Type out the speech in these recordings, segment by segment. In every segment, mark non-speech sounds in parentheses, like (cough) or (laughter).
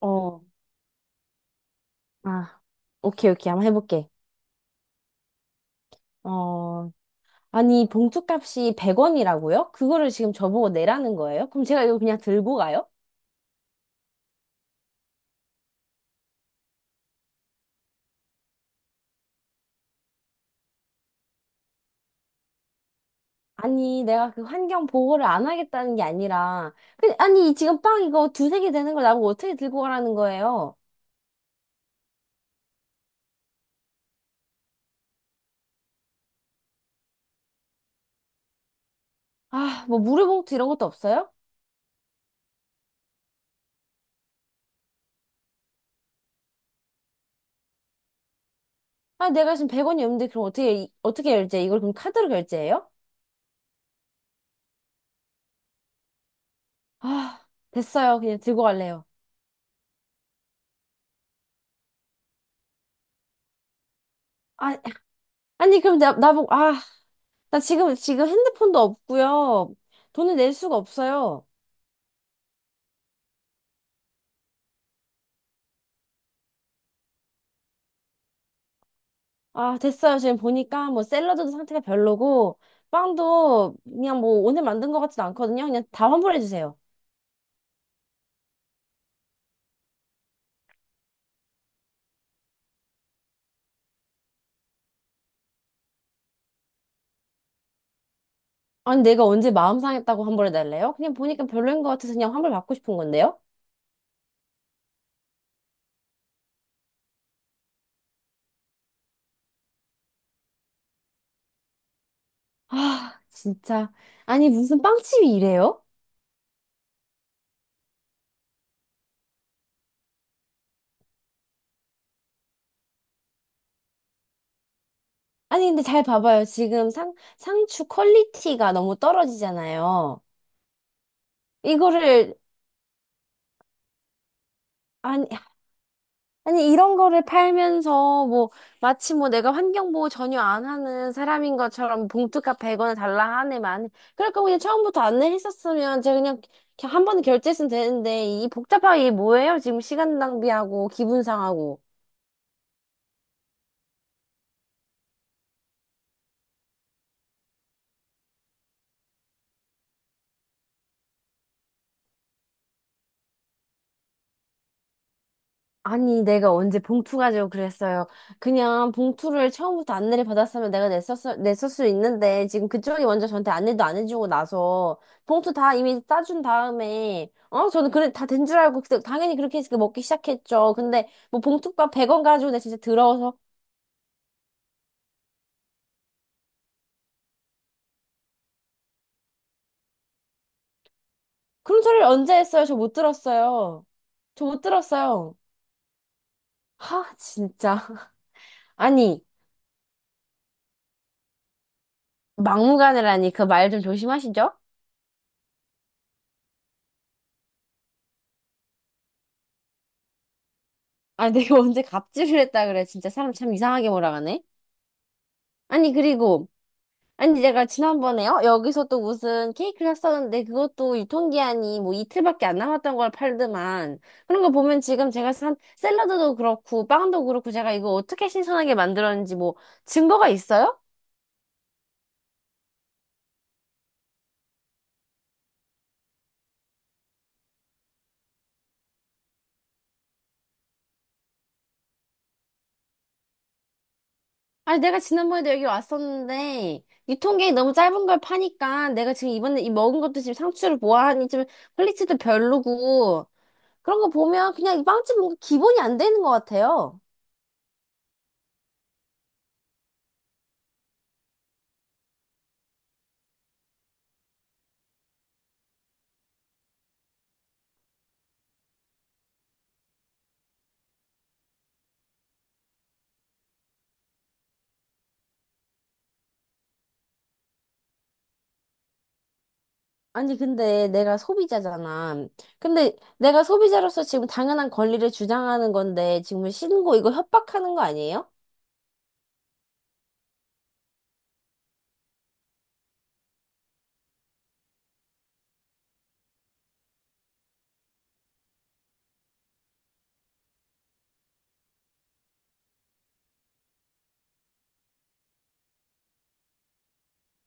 어, 아, 오케이, 오케이. 한번 해볼게. 어, 아니, 봉투값이 100원이라고요? 그거를 지금 저보고 내라는 거예요? 그럼 제가 이거 그냥 들고 가요? 아니, 내가 그 환경 보호를 안 하겠다는 게 아니라, 그, 아니, 지금 빵 이거 두세 개 되는 걸 나보고 어떻게 들고 가라는 거예요? 아, 뭐 물회봉투 이런 것도 없어요? 아, 내가 지금 100원이 없는데 그럼 어떻게, 어떻게 결제? 이걸 그럼 카드로 결제해요? 아, 됐어요. 그냥 들고 갈래요. 아, 아니, 그럼 나보고, 아. 나 지금 핸드폰도 없고요. 돈을 낼 수가 없어요. 아, 됐어요. 지금 보니까 뭐 샐러드도 상태가 별로고, 빵도 그냥 뭐 오늘 만든 것 같지도 않거든요. 그냥 다 환불해주세요. 아니, 내가 언제 마음 상했다고 환불해달래요? 그냥 보니까 별로인 것 같아서 그냥 환불 받고 싶은 건데요? 아, 진짜. 아니, 무슨 빵집이 이래요? 아니, 근데 잘 봐봐요. 지금 상추 퀄리티가 너무 떨어지잖아요. 이거를, 아니, 이런 거를 팔면서, 뭐, 마치 뭐 내가 환경보호 전혀 안 하는 사람인 것처럼 봉투값 100원을 달라 하네, 많이. 그럴 거면 그냥 처음부터 안내했었으면 제가 그냥, 그냥 한 번에 결제했으면 되는데, 이 복잡하게 이게 뭐예요? 지금 시간 낭비하고, 기분 상하고. 아니, 내가 언제 봉투 가지고 그랬어요. 그냥 봉투를 처음부터 안내를 받았으면 내가 냈을 수 있는데, 지금 그쪽이 먼저 저한테 안내도 안 해주고 나서, 봉투 다 이미 싸준 다음에, 어, 저는 그래, 다 된 줄 알고, 그때 당연히 그렇게 해서 먹기 시작했죠. 근데, 뭐, 봉투값 100원 가지고 내가 진짜 더러워서, 그런 소리를 언제 했어요? 저 못 들었어요. 저 못 들었어요. 하, 진짜. (laughs) 아니, 막무가내라니, 그 말 좀 조심하시죠? 아니, 내가 언제 갑질을 했다 그래. 진짜 사람 참 이상하게 몰아가네. 아니, 그리고, 아니, 제가 지난번에, 요 여기서 또 무슨 케이크를 샀었는데, 그것도 유통기한이 뭐 이틀밖에 안 남았던 걸 팔더만. 그런 거 보면 지금 제가 산 샐러드도 그렇고, 빵도 그렇고, 제가 이거 어떻게 신선하게 만들었는지 뭐, 증거가 있어요? 아니, 내가 지난번에도 여기 왔었는데, 유통기한이 너무 짧은 걸 파니까, 내가 지금 이번에 이 먹은 것도 지금 상추를 보아하니 좀 퀄리티도 별로고, 그런 거 보면 그냥 이 빵집 뭔가 기본이 안 되는 것 같아요. 아니, 근데 내가 소비자잖아. 근데 내가 소비자로서 지금 당연한 권리를 주장하는 건데, 지금 신고 이거 협박하는 거 아니에요?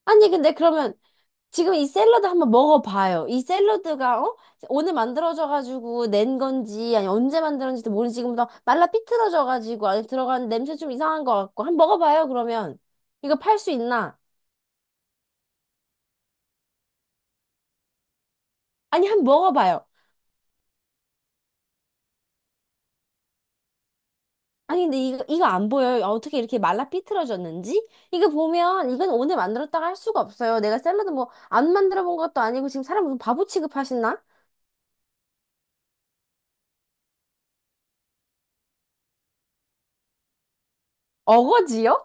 아니, 근데 그러면 지금 이 샐러드 한번 먹어봐요. 이 샐러드가, 어? 오늘 만들어져가지고 낸 건지, 아니, 언제 만들었는지도 모르지. 지금 막 말라 삐뚤어져가지고 안에 들어간 냄새 좀 이상한 것 같고. 한번 먹어봐요, 그러면. 이거 팔 수 있나? 아니, 한번 먹어봐요. 아니 근데 이거 안 보여요. 아, 어떻게 이렇게 말라 삐뚤어졌는지? 이거 보면 이건 오늘 만들었다가 할 수가 없어요. 내가 샐러드 뭐 안 만들어 본 것도 아니고 지금 사람 무슨 바보 취급하시나? 어거지요?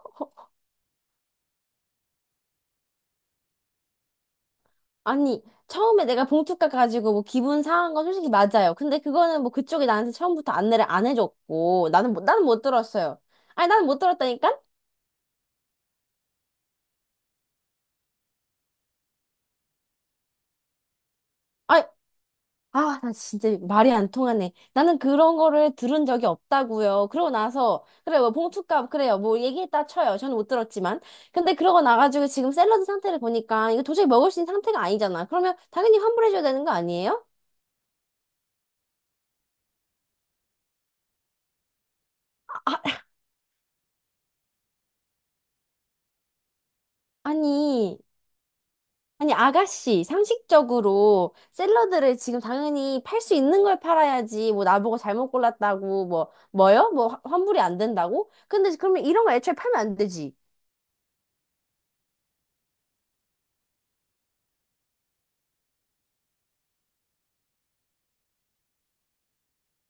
아니 처음에 내가 봉투 깎가지고 뭐 기분 상한 건 솔직히 맞아요. 근데 그거는 뭐 그쪽이 나한테 처음부터 안내를 안 해줬고 나는 나는 못 들었어요. 아니 나는 못 들었다니까? 아, 나 진짜 말이 안 통하네. 나는 그런 거를 들은 적이 없다고요. 그러고 나서 그래요. 봉투값 그래요. 뭐 얘기했다 쳐요. 저는 못 들었지만. 근데 그러고 나가지고 지금 샐러드 상태를 보니까 이거 도저히 먹을 수 있는 상태가 아니잖아. 그러면 당연히 환불해줘야 되는 거 아니에요? 아, 아니. 아니, 아가씨, 상식적으로 샐러드를 지금 당연히 팔 수 있는 걸 팔아야지. 뭐, 나보고 잘못 골랐다고, 뭐, 뭐요? 뭐, 환불이 안 된다고? 근데 그러면 이런 거 애초에 팔면 안 되지.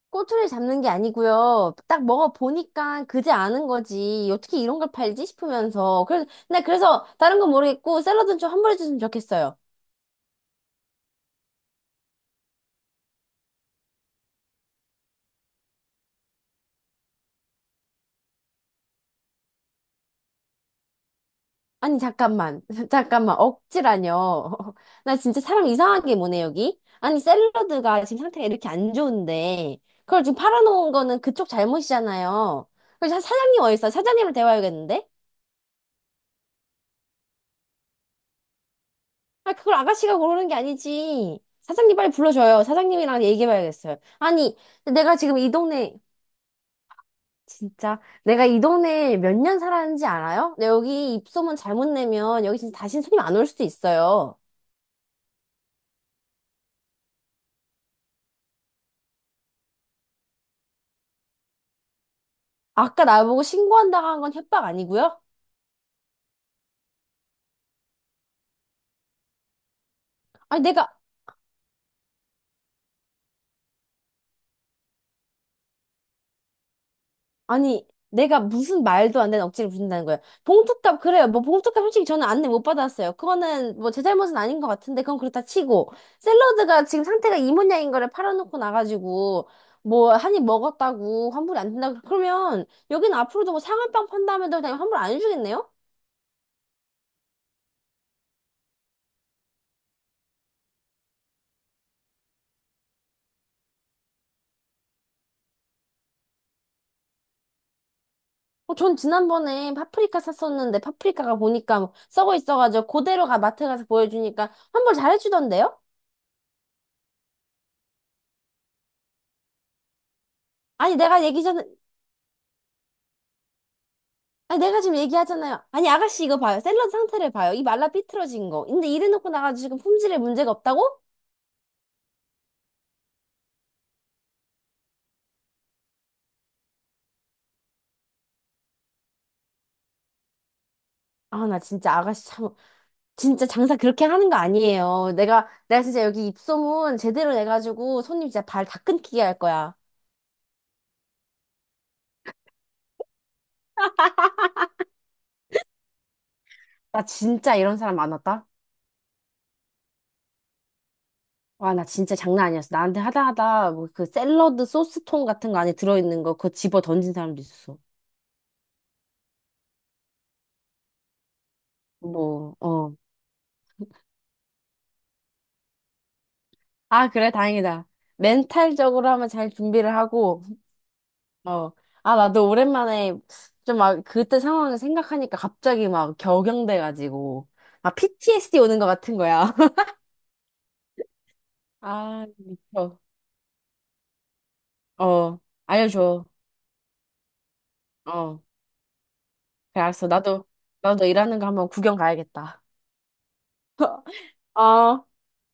꼬투리 잡는 게 아니고요. 딱 먹어보니까 그지 않은 거지. 어떻게 이런 걸 팔지 싶으면서. 그래서, 나 그래서 다른 건 모르겠고 샐러드는 좀 환불해 줬으면 좋겠어요. 아니 잠깐만. (laughs) 잠깐만. 억지라뇨. (laughs) 나 진짜 사람 이상하게 뭐네 여기. 아니 샐러드가 지금 상태가 이렇게 안 좋은데 그걸 지금 팔아놓은 거는 그쪽 잘못이잖아요. 그래서 사장님 어디 있어요? 사장님을 대화해야겠는데? 아 그걸 아가씨가 고르는 게 아니지. 사장님 빨리 불러줘요. 사장님이랑 얘기해봐야겠어요. 아니 내가 지금 이 동네 진짜 내가 이 동네에 몇 년 살았는지 알아요? 내 여기 입소문 잘못 내면 여기 진짜 다신 손님 안 올 수도 있어요. 아까 나보고 신고한다고 한 건 협박 아니고요? 아니 내가 아니 내가 무슨 말도 안 되는 억지를 부린다는 거예요. 봉투값 그래요. 뭐 봉투값 솔직히 저는 안내 못 받았어요. 그거는 뭐 제 잘못은 아닌 것 같은데 그건 그렇다 치고 샐러드가 지금 상태가 이 모양인 거를 팔아놓고 나가지고 뭐 한입 먹었다고 환불이 안 된다 그러면 여기는 앞으로도 뭐 상한빵 판다면 그냥 환불 안 해주겠네요? 어, 전 지난번에 파프리카 샀었는데 파프리카가 보니까 뭐 썩어 있어가지고 그대로가 마트 가서 보여주니까 환불 잘해주던데요? 아니 내가 얘기 전 아니 내가 지금 얘기하잖아요. 아니 아가씨 이거 봐요. 샐러드 상태를 봐요. 이 말라 삐뚤어진 거. 근데 이래놓고 나가지고 지금 품질에 문제가 없다고? 아 나 진짜 아가씨 참 진짜 장사 그렇게 하는 거 아니에요. 내가 진짜 여기 입소문 제대로 내가지고 손님 진짜 발 다 끊기게 할 거야. 나 진짜 이런 사람 많았다. 와, 나 진짜 장난 아니었어. 나한테 하다 하다 뭐 그 샐러드 소스통 같은 거 안에 들어있는 거 그거 집어 던진 사람도 있었어. 뭐, 어. 아, 그래, 다행이다. 멘탈적으로 하면 잘 준비를 하고, 어. 아, 나도 오랜만에 좀 막 그때 상황을 생각하니까 갑자기 막 격양돼가지고, 막 PTSD 오는 것 같은 거야. (laughs) 아, 미쳐. 어, 알려줘. 어. 그래, 알았어. 나도 일하는 거 한번 구경 가야겠다. 어.